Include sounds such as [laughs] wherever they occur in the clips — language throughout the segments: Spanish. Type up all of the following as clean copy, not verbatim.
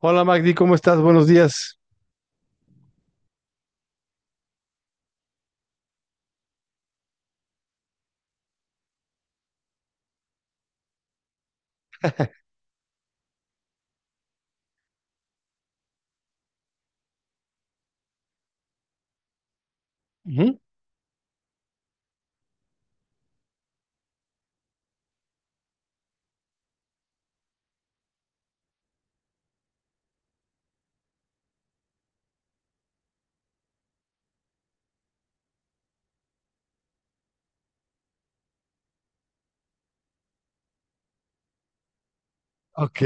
Hola Magdi, ¿cómo estás? Buenos días. Ujú. Ok,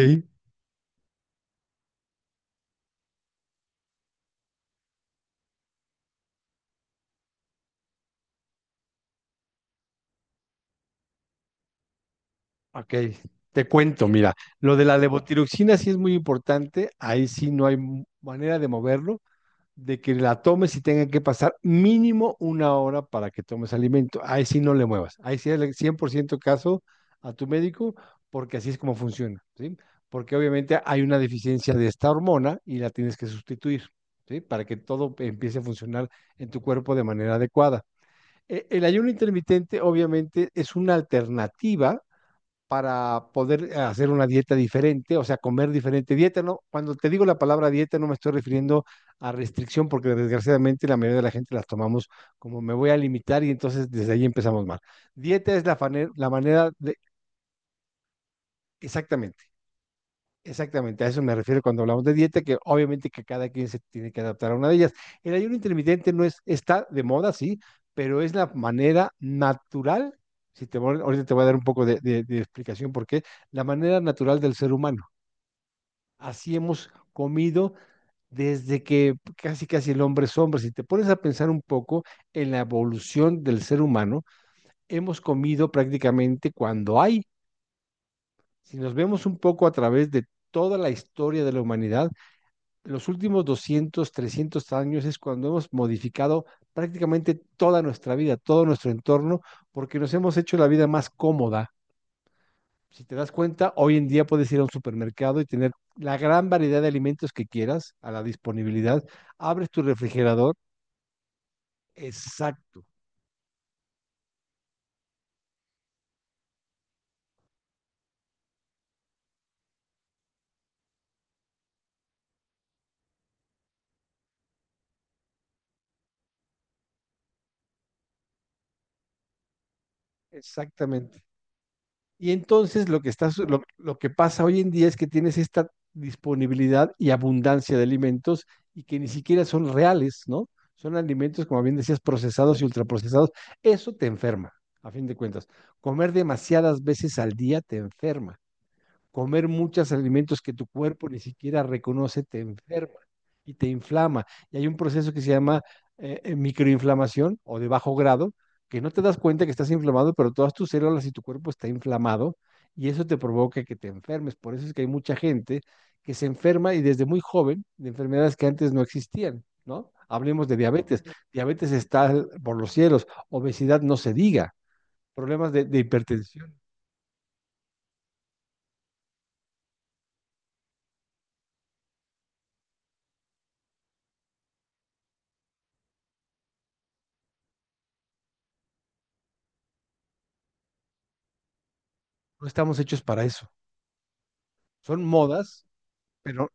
ok. Te cuento, mira, lo de la levotiroxina sí es muy importante, ahí sí no hay manera de moverlo, de que la tomes y tenga que pasar mínimo una hora para que tomes alimento, ahí sí no le muevas, ahí sí el 100% caso a tu médico, porque así es como funciona, ¿sí? Porque obviamente hay una deficiencia de esta hormona y la tienes que sustituir, ¿sí? Para que todo empiece a funcionar en tu cuerpo de manera adecuada. El ayuno intermitente obviamente es una alternativa para poder hacer una dieta diferente, o sea, comer diferente. Dieta, no, cuando te digo la palabra dieta no me estoy refiriendo a restricción porque desgraciadamente la mayoría de la gente las tomamos como me voy a limitar y entonces desde ahí empezamos mal. Dieta es la manera de. Exactamente, Exactamente, a eso me refiero cuando hablamos de dieta, que obviamente que cada quien se tiene que adaptar a una de ellas. El ayuno intermitente no es, está de moda, sí, pero es la manera natural, si te, vol- ahorita te voy a dar un poco de explicación por qué, la manera natural del ser humano. Así hemos comido desde que casi casi el hombre es hombre. Si te pones a pensar un poco en la evolución del ser humano, hemos comido prácticamente cuando hay. Si nos vemos un poco a través de toda la historia de la humanidad, los últimos 200, 300 años es cuando hemos modificado prácticamente toda nuestra vida, todo nuestro entorno, porque nos hemos hecho la vida más cómoda. Si te das cuenta, hoy en día puedes ir a un supermercado y tener la gran variedad de alimentos que quieras a la disponibilidad. Abres tu refrigerador. Exacto, exactamente. Y entonces lo que está, su- lo que pasa hoy en día es que tienes esta disponibilidad y abundancia de alimentos y que ni siquiera son reales, ¿no? Son alimentos, como bien decías, procesados y ultraprocesados. Eso te enferma, a fin de cuentas. Comer demasiadas veces al día te enferma. Comer muchos alimentos que tu cuerpo ni siquiera reconoce te enferma y te inflama. Y hay un proceso que se llama microinflamación o de bajo grado, que no te das cuenta que estás inflamado, pero todas tus células y tu cuerpo está inflamado y eso te provoca que te enfermes. Por eso es que hay mucha gente que se enferma y desde muy joven de enfermedades que antes no existían, ¿no? Hablemos de diabetes. Diabetes está por los cielos, obesidad no se diga, problemas de hipertensión. No estamos hechos para eso. Son modas pero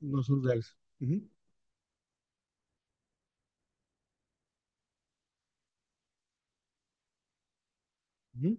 no son reales. Ujú, ujú.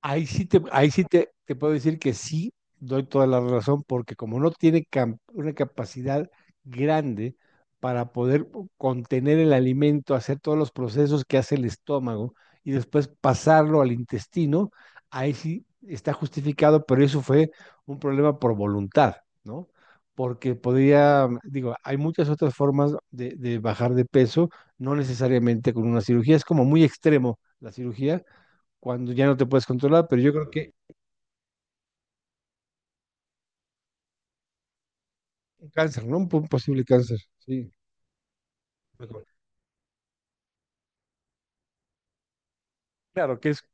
Te puedo decir que sí, doy toda la razón, porque como no tiene una capacidad grande para poder contener el alimento, hacer todos los procesos que hace el estómago y después pasarlo al intestino, ahí sí está justificado, pero eso fue un problema por voluntad, ¿no? Porque podría, digo, hay muchas otras formas de bajar de peso, no necesariamente con una cirugía, es como muy extremo la cirugía, cuando ya no te puedes controlar, pero yo creo que un cáncer, ¿no? Un posible cáncer, sí. Claro, que es,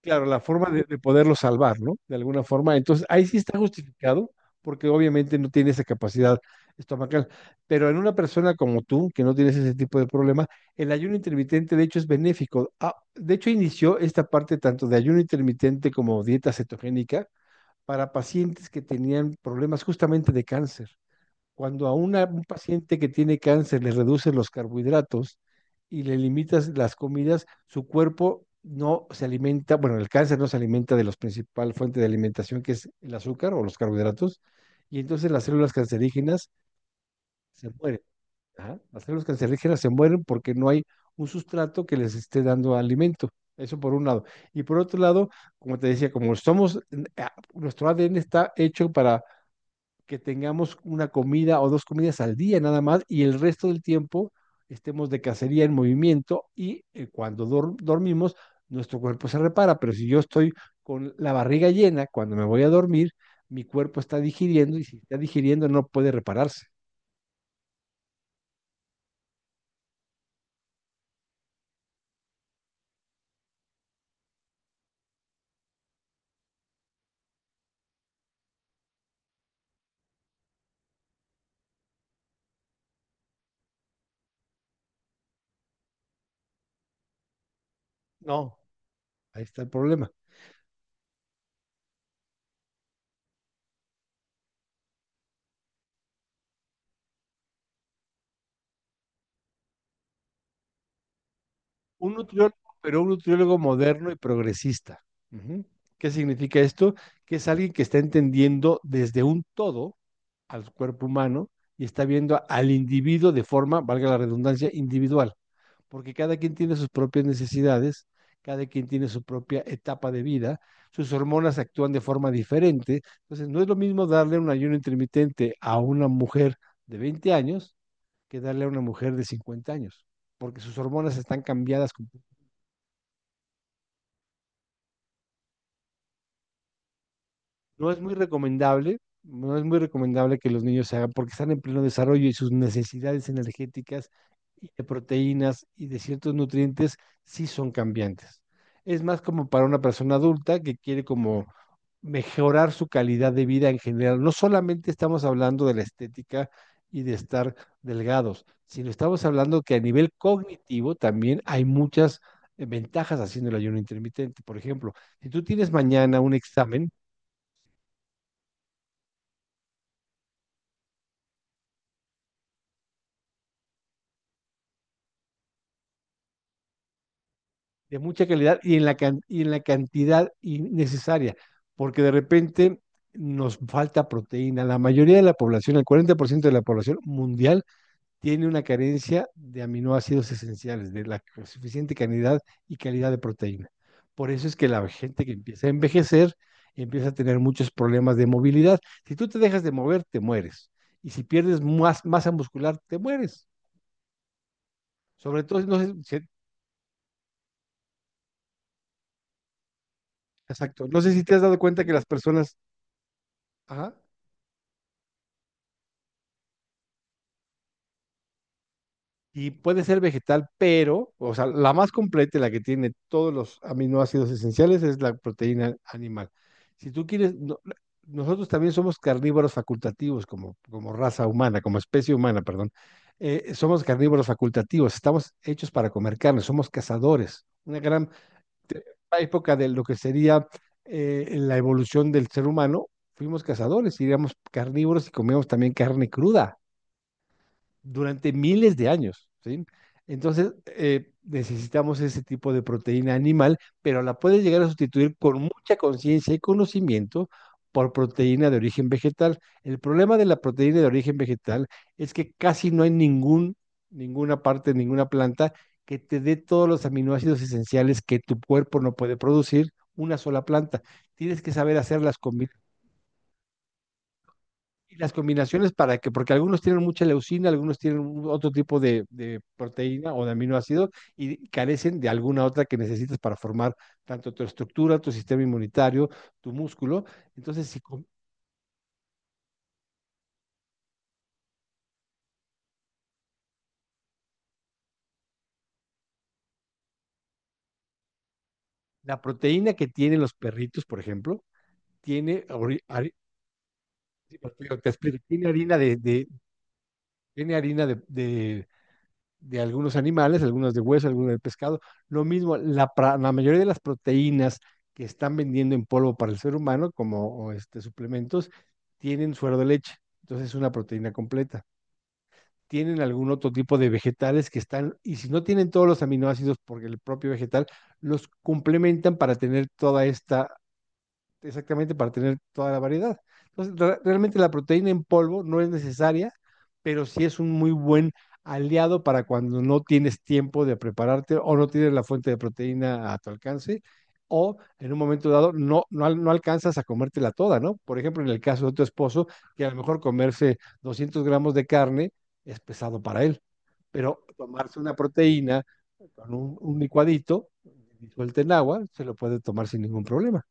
claro, la forma de poderlo salvar, ¿no? De alguna forma. Entonces, ahí sí está justificado, porque obviamente no tiene esa capacidad estomacal. Pero en una persona como tú, que no tienes ese tipo de problema, el ayuno intermitente, de hecho, es benéfico. Ah, de hecho, inició esta parte tanto de ayuno intermitente como dieta cetogénica para pacientes que tenían problemas justamente de cáncer. Cuando a un paciente que tiene cáncer le reduces los carbohidratos y le limitas las comidas, su cuerpo no se alimenta, bueno, el cáncer no se alimenta de la principal fuente de alimentación que es el azúcar o los carbohidratos, y entonces las células cancerígenas se mueren. Ajá. Las células cancerígenas se mueren porque no hay un sustrato que les esté dando alimento. Eso por un lado. Y por otro lado, como te decía, nuestro ADN está hecho para que tengamos una comida o dos comidas al día nada más y el resto del tiempo estemos de cacería en movimiento y cuando dormimos nuestro cuerpo se repara, pero si yo estoy con la barriga llena cuando me voy a dormir, mi cuerpo está digiriendo y si está digiriendo no puede repararse. No, ahí está el problema. Un nutriólogo, pero un nutriólogo moderno y progresista. Ujú. ¿Qué significa esto? Que es alguien que está entendiendo desde un todo al cuerpo humano y está viendo al individuo de forma, valga la redundancia, individual, porque cada quien tiene sus propias necesidades, cada quien tiene su propia etapa de vida, sus hormonas actúan de forma diferente, entonces no es lo mismo darle un ayuno intermitente a una mujer de 20 años que darle a una mujer de 50 años, porque sus hormonas están cambiadas. No es muy recomendable, no es muy recomendable que los niños se hagan porque están en pleno desarrollo y sus necesidades energéticas y de proteínas y de ciertos nutrientes sí son cambiantes. Es más como para una persona adulta que quiere como mejorar su calidad de vida en general. No solamente estamos hablando de la estética y de estar delgados, sino estamos hablando que a nivel cognitivo también hay muchas ventajas haciendo el ayuno intermitente. Por ejemplo, si tú tienes mañana un examen, de mucha calidad y en la cantidad necesaria, porque de repente nos falta proteína. La mayoría de la población, el 40% de la población mundial, tiene una carencia de aminoácidos esenciales, de la suficiente cantidad y calidad de proteína. Por eso es que la gente que empieza a envejecer empieza a tener muchos problemas de movilidad. Si tú te dejas de mover, te mueres. Y si pierdes más masa muscular, te mueres. Sobre todo, no sé, exacto. No sé si te has dado cuenta que las personas, ajá, y puede ser vegetal, pero, o sea, la más completa, y la que tiene todos los aminoácidos esenciales, es la proteína animal. Si tú quieres, nosotros también somos carnívoros facultativos como raza humana, como especie humana, perdón. Somos carnívoros facultativos, estamos hechos para comer carne, somos cazadores. Una gran te- época de lo que sería la evolución del ser humano, fuimos cazadores, y éramos carnívoros y comíamos también carne cruda durante miles de años, ¿sí? Entonces, necesitamos ese tipo de proteína animal, pero la puedes llegar a sustituir con mucha conciencia y conocimiento por proteína de origen vegetal. El problema de la proteína de origen vegetal es que casi no hay ninguna parte, ninguna planta que te dé todos los aminoácidos esenciales que tu cuerpo no puede producir, una sola planta. Tienes que saber hacer las combinaciones y las combinaciones para que, porque algunos tienen mucha leucina, algunos tienen otro tipo de proteína o de aminoácido y carecen de alguna otra que necesitas para formar tanto tu estructura, tu sistema inmunitario, tu músculo. Entonces, si com- la proteína que tienen los perritos, por ejemplo, tiene, sí, pues, te digo, te explico, tiene harina de, tiene harina de, de algunos animales, algunas de hueso, algunas de pescado. Lo mismo, la mayoría de las proteínas que están vendiendo en polvo para el ser humano, como o este, suplementos, tienen suero de leche. Entonces es una proteína completa. Tienen algún otro tipo de vegetales que están, y si no tienen todos los aminoácidos, porque el propio vegetal, los complementan para tener toda esta exactamente para tener toda la variedad. Entonces, realmente la proteína en polvo no es necesaria, pero sí es un muy buen aliado para cuando no tienes tiempo de prepararte o no tienes la fuente de proteína a tu alcance o en un momento dado no alcanzas a comértela toda, ¿no? Por ejemplo, en el caso de tu esposo, que a lo mejor comerse 200 gramos de carne es pesado para él, pero tomarse una proteína con un licuadito disuelta en agua se lo puede tomar sin ningún problema.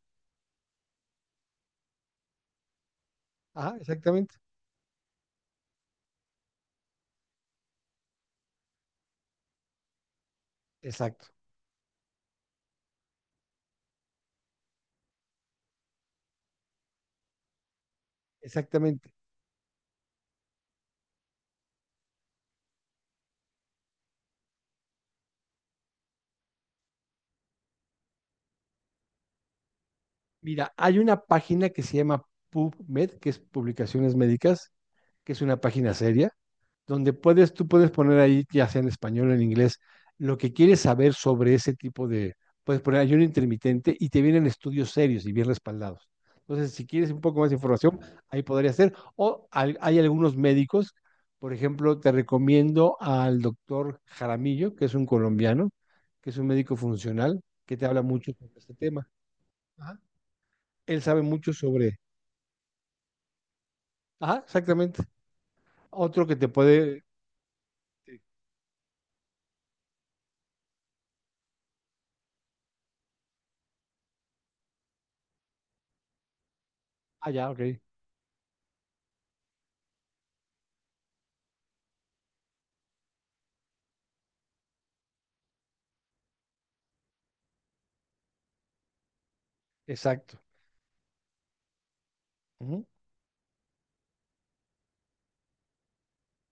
Ajá, exactamente. Exacto, exactamente. Mira, hay una página que se llama PubMed, que es Publicaciones Médicas, que es una página seria, donde puedes, tú puedes poner ahí, ya sea en español o en inglés, lo que quieres saber sobre ese tipo de, puedes poner ayuno intermitente y te vienen estudios serios y bien respaldados. Entonces, si quieres un poco más de información, ahí podría ser. O hay algunos médicos, por ejemplo, te recomiendo al doctor Jaramillo, que es un colombiano, que es un médico funcional, que te habla mucho sobre este tema. Ajá. Él sabe mucho sobre... Ajá, exactamente. Otro que te puede... Ah, ya, ok. Exacto. Ujú.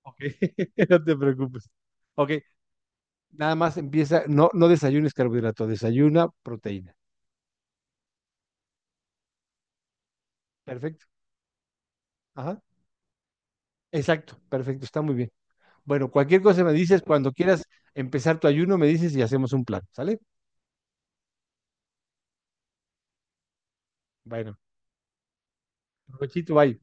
Ok, [laughs] no te preocupes. Ok, nada más empieza, no, no desayunes carbohidrato, desayuna proteína. Perfecto. Ajá. Exacto, perfecto, está muy bien. Bueno, cualquier cosa me dices, cuando quieras empezar tu ayuno, me dices y hacemos un plan, ¿sale? Bueno, provechito, bye.